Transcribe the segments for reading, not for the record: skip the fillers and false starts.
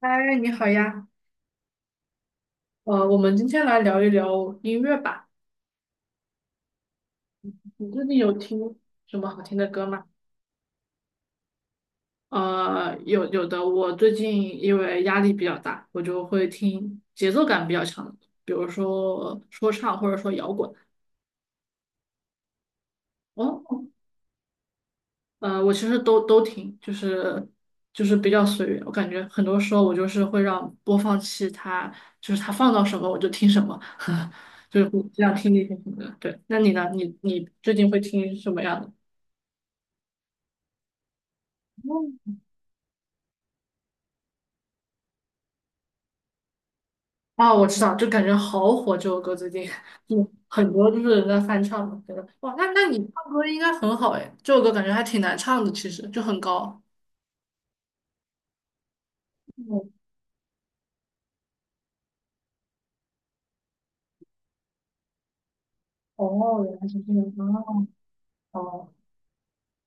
嗨，你好呀，我们今天来聊一聊音乐吧。你最近有听什么好听的歌吗？呃，有的，我最近因为压力比较大，我就会听节奏感比较强的歌比如说说唱或者说摇滚。哦，我其实都听，就是比较随缘。我感觉很多时候我就是会让播放器它就是它放到什么我就听什么，就是会这样听那些什么的。对，那你呢？你最近会听什么样的？啊，我知道，就感觉好火这首歌最近，就很多就是人在翻唱嘛，觉得哇，那你唱歌应该很好哎，这首歌感觉还挺难唱的，其实就很高。嗯，哦，原来是这样啊，哦，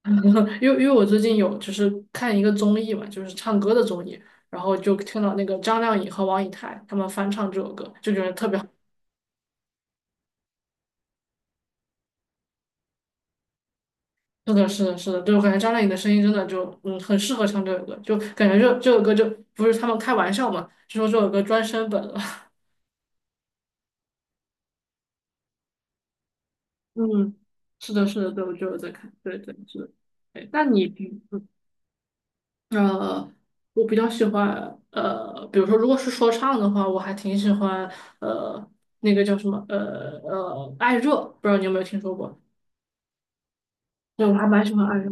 因为我最近有就是看一个综艺嘛，就是唱歌的综艺，然后就听到那个张靓颖和王以太他们翻唱这首歌，就觉得特别好。是的，是的，是的，就我感觉张靓颖的声音真的就嗯很适合唱这首歌，就感觉这首歌就不是他们开玩笑嘛，就说这首歌专升本了。嗯，是的，是的，对，我就有在看，对对是对。哎那你比嗯呃，我比较喜欢比如说如果是说唱的话，我还挺喜欢呃那个叫什么艾热，不知道你有没有听说过？对，我还蛮喜欢艾热。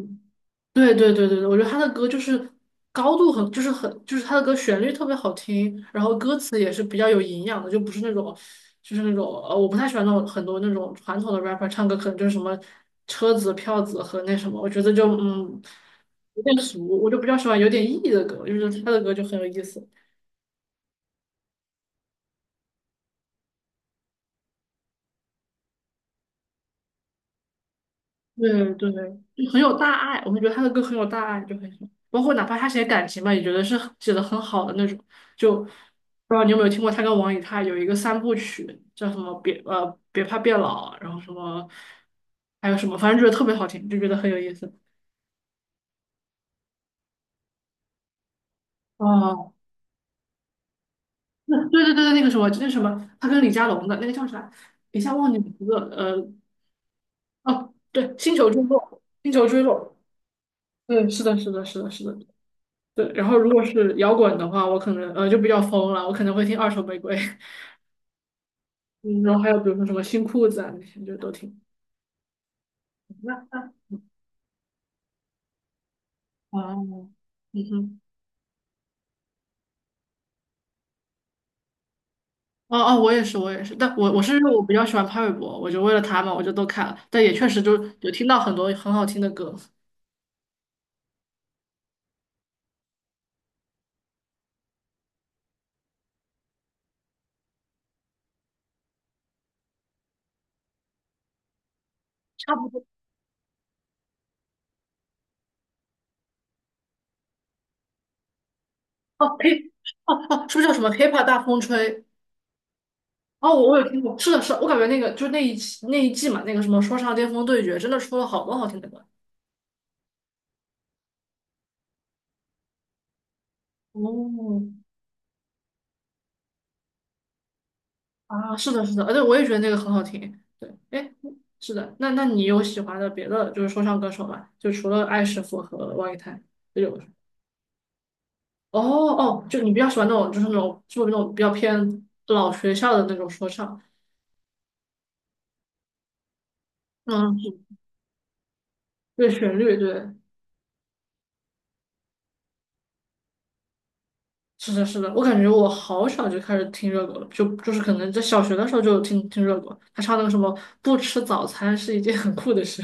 对对对对对，我觉得他的歌就是高度很，就是很，就是他的歌旋律特别好听，然后歌词也是比较有营养的，就不是那种，就是那种我不太喜欢那种很多那种传统的 rapper 唱歌，可能就是什么车子、票子和那什么，我觉得就嗯有点俗，我就比较喜欢有点意义的歌，就是他的歌就很有意思。对对，就很有大爱，我会觉得他的歌很有大爱，就很喜欢。包括哪怕他写感情吧，也觉得是写的很好的那种。就不知道你有没有听过他跟王以太有一个三部曲，叫什么别别怕变老，然后什么还有什么，反正觉得特别好听，就觉得很有意思。哦，那对对对对，那个什么，那什么，他跟李佳隆的那个叫啥，一下忘记名字了，呃，哦，对，星球坠落，对，是的，是的，是的，是的。对，然后如果是摇滚的话，我可能就比较疯了，我可能会听二手玫瑰，嗯，然后还有比如说什么新裤子啊那些就都听。那那哦，嗯哼，哦哦，我也是，我也是，但我是因为我比较喜欢潘玮柏，我就为了他嘛，我就都看了，但也确实就有听到很多很好听的歌，差不多。哦，K，哦哦，是不是叫什么《K-pop 大风吹》？哦，我有听过，是的，是的，我感觉那个就那一期那一季嘛，那个什么说唱巅峰对决，真的出了好多好听的歌。哦，啊，是的，是的，对，我也觉得那个很好听。对，哎，是的，那那你有喜欢的别的就是说唱歌手吗？就除了艾师傅和王以太，就有哦哦，就你比较喜欢那种就是那种就是那种比较偏老学校的那种说唱，嗯，是对，旋律，对，是的，是的，我感觉我好小就开始听热狗了，就就是可能在小学的时候就听热狗，他唱那个什么不吃早餐是一件很酷的事。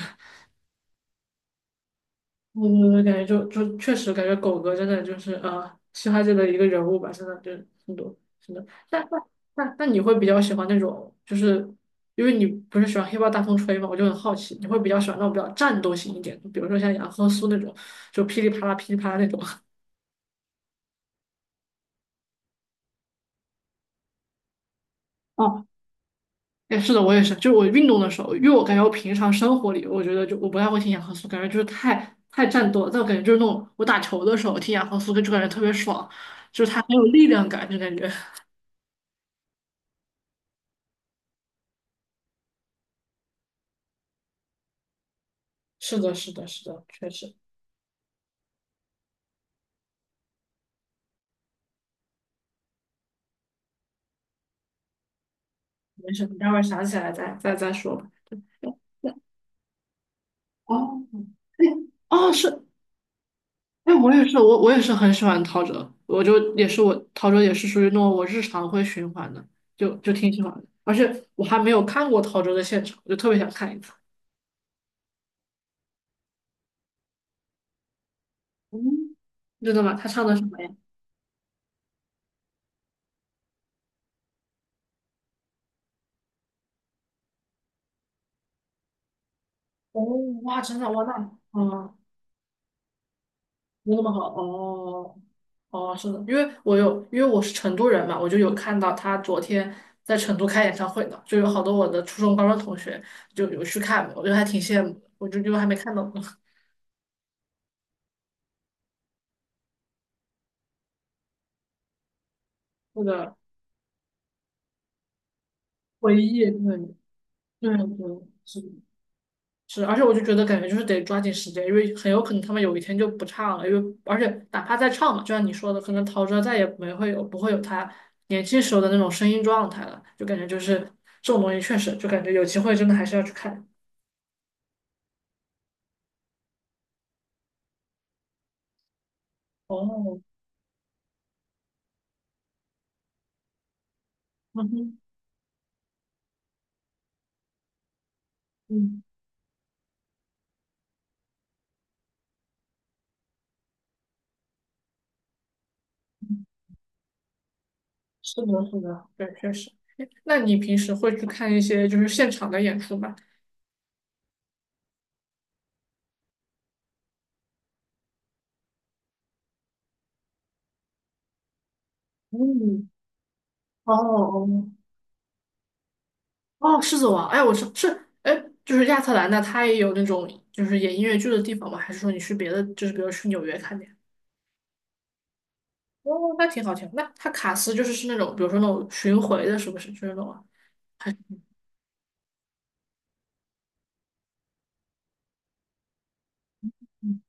我感觉就就确实感觉狗哥真的就是嘻哈界的一个人物吧，真的就是很多真的。那那那那你会比较喜欢那种，就是因为你不是喜欢黑豹大风吹嘛，我就很好奇，你会比较喜欢那种比较战斗型一点的，比如说像杨和苏那种，就噼里啪啦噼里啪啦那种。哦，哎，是的，我也是，就是我运动的时候，因为我感觉我平常生活里，我觉得就我不太会听杨和苏，感觉就是太太战斗了。但我感觉就是那种我打球的时候听杨和苏，就感觉特别爽，就是他很有力量感，就感觉。是的，是的，是的，确实没事，你待会儿想起来再说吧。哦，哎，哦是，哎，我也是，我也是很喜欢陶喆，我就也是我陶喆也是属于那种我日常会循环的，就就挺喜欢的，而且我还没有看过陶喆的现场，我就特别想看一次。嗯，真的吗？他唱的什么呀？哦，哇，真的，哇，那，嗯。没那么好哦，哦，是的，因为我有，因为我是成都人嘛，我就有看到他昨天在成都开演唱会呢，就有好多我的初中、高中同学就有去看，我觉得还挺羡慕的，我就就还没看到呢，那个回忆，对对对，是的是，而且我就觉得感觉就是得抓紧时间，因为很有可能他们有一天就不唱了，因为而且哪怕再唱嘛，就像你说的，可能陶喆再也没会有不会有他年轻时候的那种声音状态了，就感觉就是这种东西确实就感觉有机会真的还是要去看。哦，嗯哼，嗯，是的，是的，对，确实。诶那你平时会去看一些就是现场的演出吗？嗯，哦哦，哦，狮子王，哎，我是是，哎，就是亚特兰大，它也有那种就是演音乐剧的地方吗？还是说你去别的，就是比如去纽约看的呀哦，那挺好听。那它卡斯就是是那种，比如说那种巡回的，是不是？就是那种啊。嗯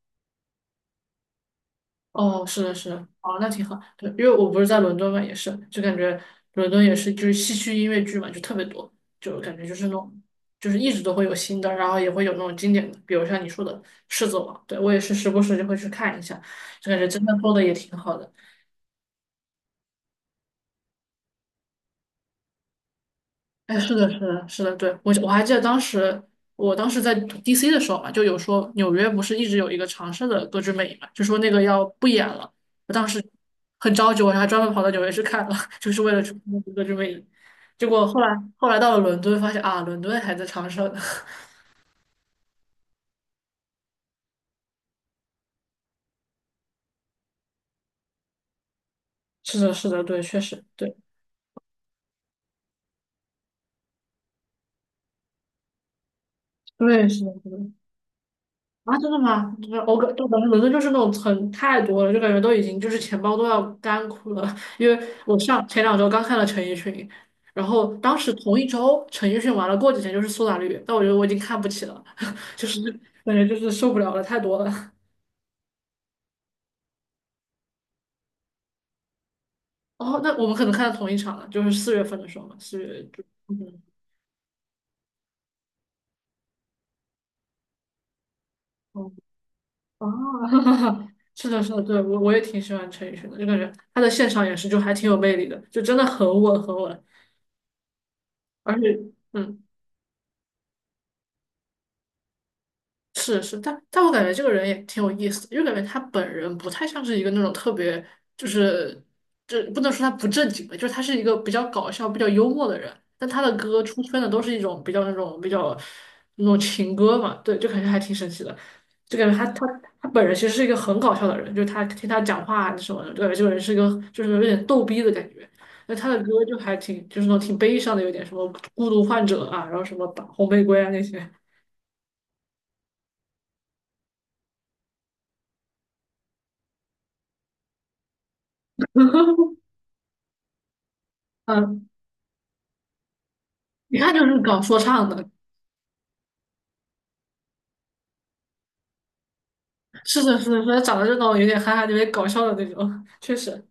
哦，是的，是的，哦，那挺好。对，因为我不是在伦敦嘛，也是，就感觉伦敦也是，就是戏区音乐剧嘛，就特别多，就感觉就是那种，就是一直都会有新的，然后也会有那种经典的，比如像你说的《狮子王》，对，我也是时不时就会去看一下，就感觉真的做的也挺好的。哎，是的，是的，是的，对，我我还记得当时，我当时在 DC 的时候嘛，就有说纽约不是一直有一个长设的《歌剧魅影》嘛，就说那个要不演了。我当时很着急，我还专门跑到纽约去看了，就是为了去看那个《歌剧魅影》。结果后来到了伦敦，发现啊，伦敦还在长设呢。是的，是的，对，确实，对，对，是的，是的。啊，真的吗？就是我感，就感觉伦敦就是那种层太多了，就感觉都已经就是钱包都要干枯了。因为我上前两周刚看了陈奕迅，然后当时同一周陈奕迅完了，过几天就是苏打绿，但我觉得我已经看不起了，就是感觉就是受不了了，太多了。哦，那我们可能看到同一场了，就是四月份的时候嘛，四月就嗯哦啊，是的，是的，对我也挺喜欢陈奕迅的，就感觉他的现场也是就还挺有魅力的，就真的很稳很稳，而且。嗯。是是，但但我感觉这个人也挺有意思的，因为感觉他本人不太像是一个那种特别，就是这不能说他不正经吧，就是他是一个比较搞笑、比较幽默的人，但他的歌出圈的都是一种比较那种比较那种情歌嘛，对，就感觉还挺神奇的，就感觉他本人其实是一个很搞笑的人，就是他听他讲话啊什么的，就感觉这个人是一个就是有点逗逼的感觉。那他的歌就还挺，就是那种挺悲伤的，有点什么孤独患者啊，然后什么吧红玫瑰啊那些。嗯，一看就是搞说唱的，是的，是的，是的，长得就那种有点憨憨、有点搞笑的那种，确实，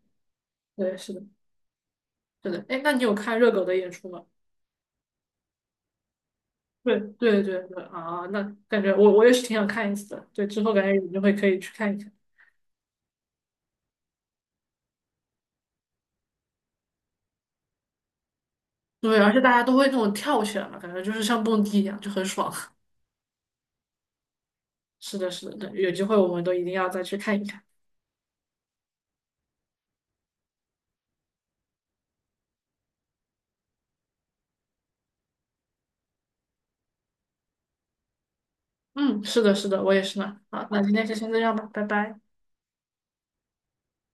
对，是的，是的。哎，那你有看热狗的演出吗？对，对，对，对，啊，那感觉我也是挺想看一次的，对，之后感觉有机会可以去看一看。对，而且大家都会那种跳起来嘛，感觉就是像蹦迪一样，就很爽。是的，是的，对，有机会我们都一定要再去看一看。嗯，是的，是的，我也是呢。好，那今天就先这样吧，拜拜。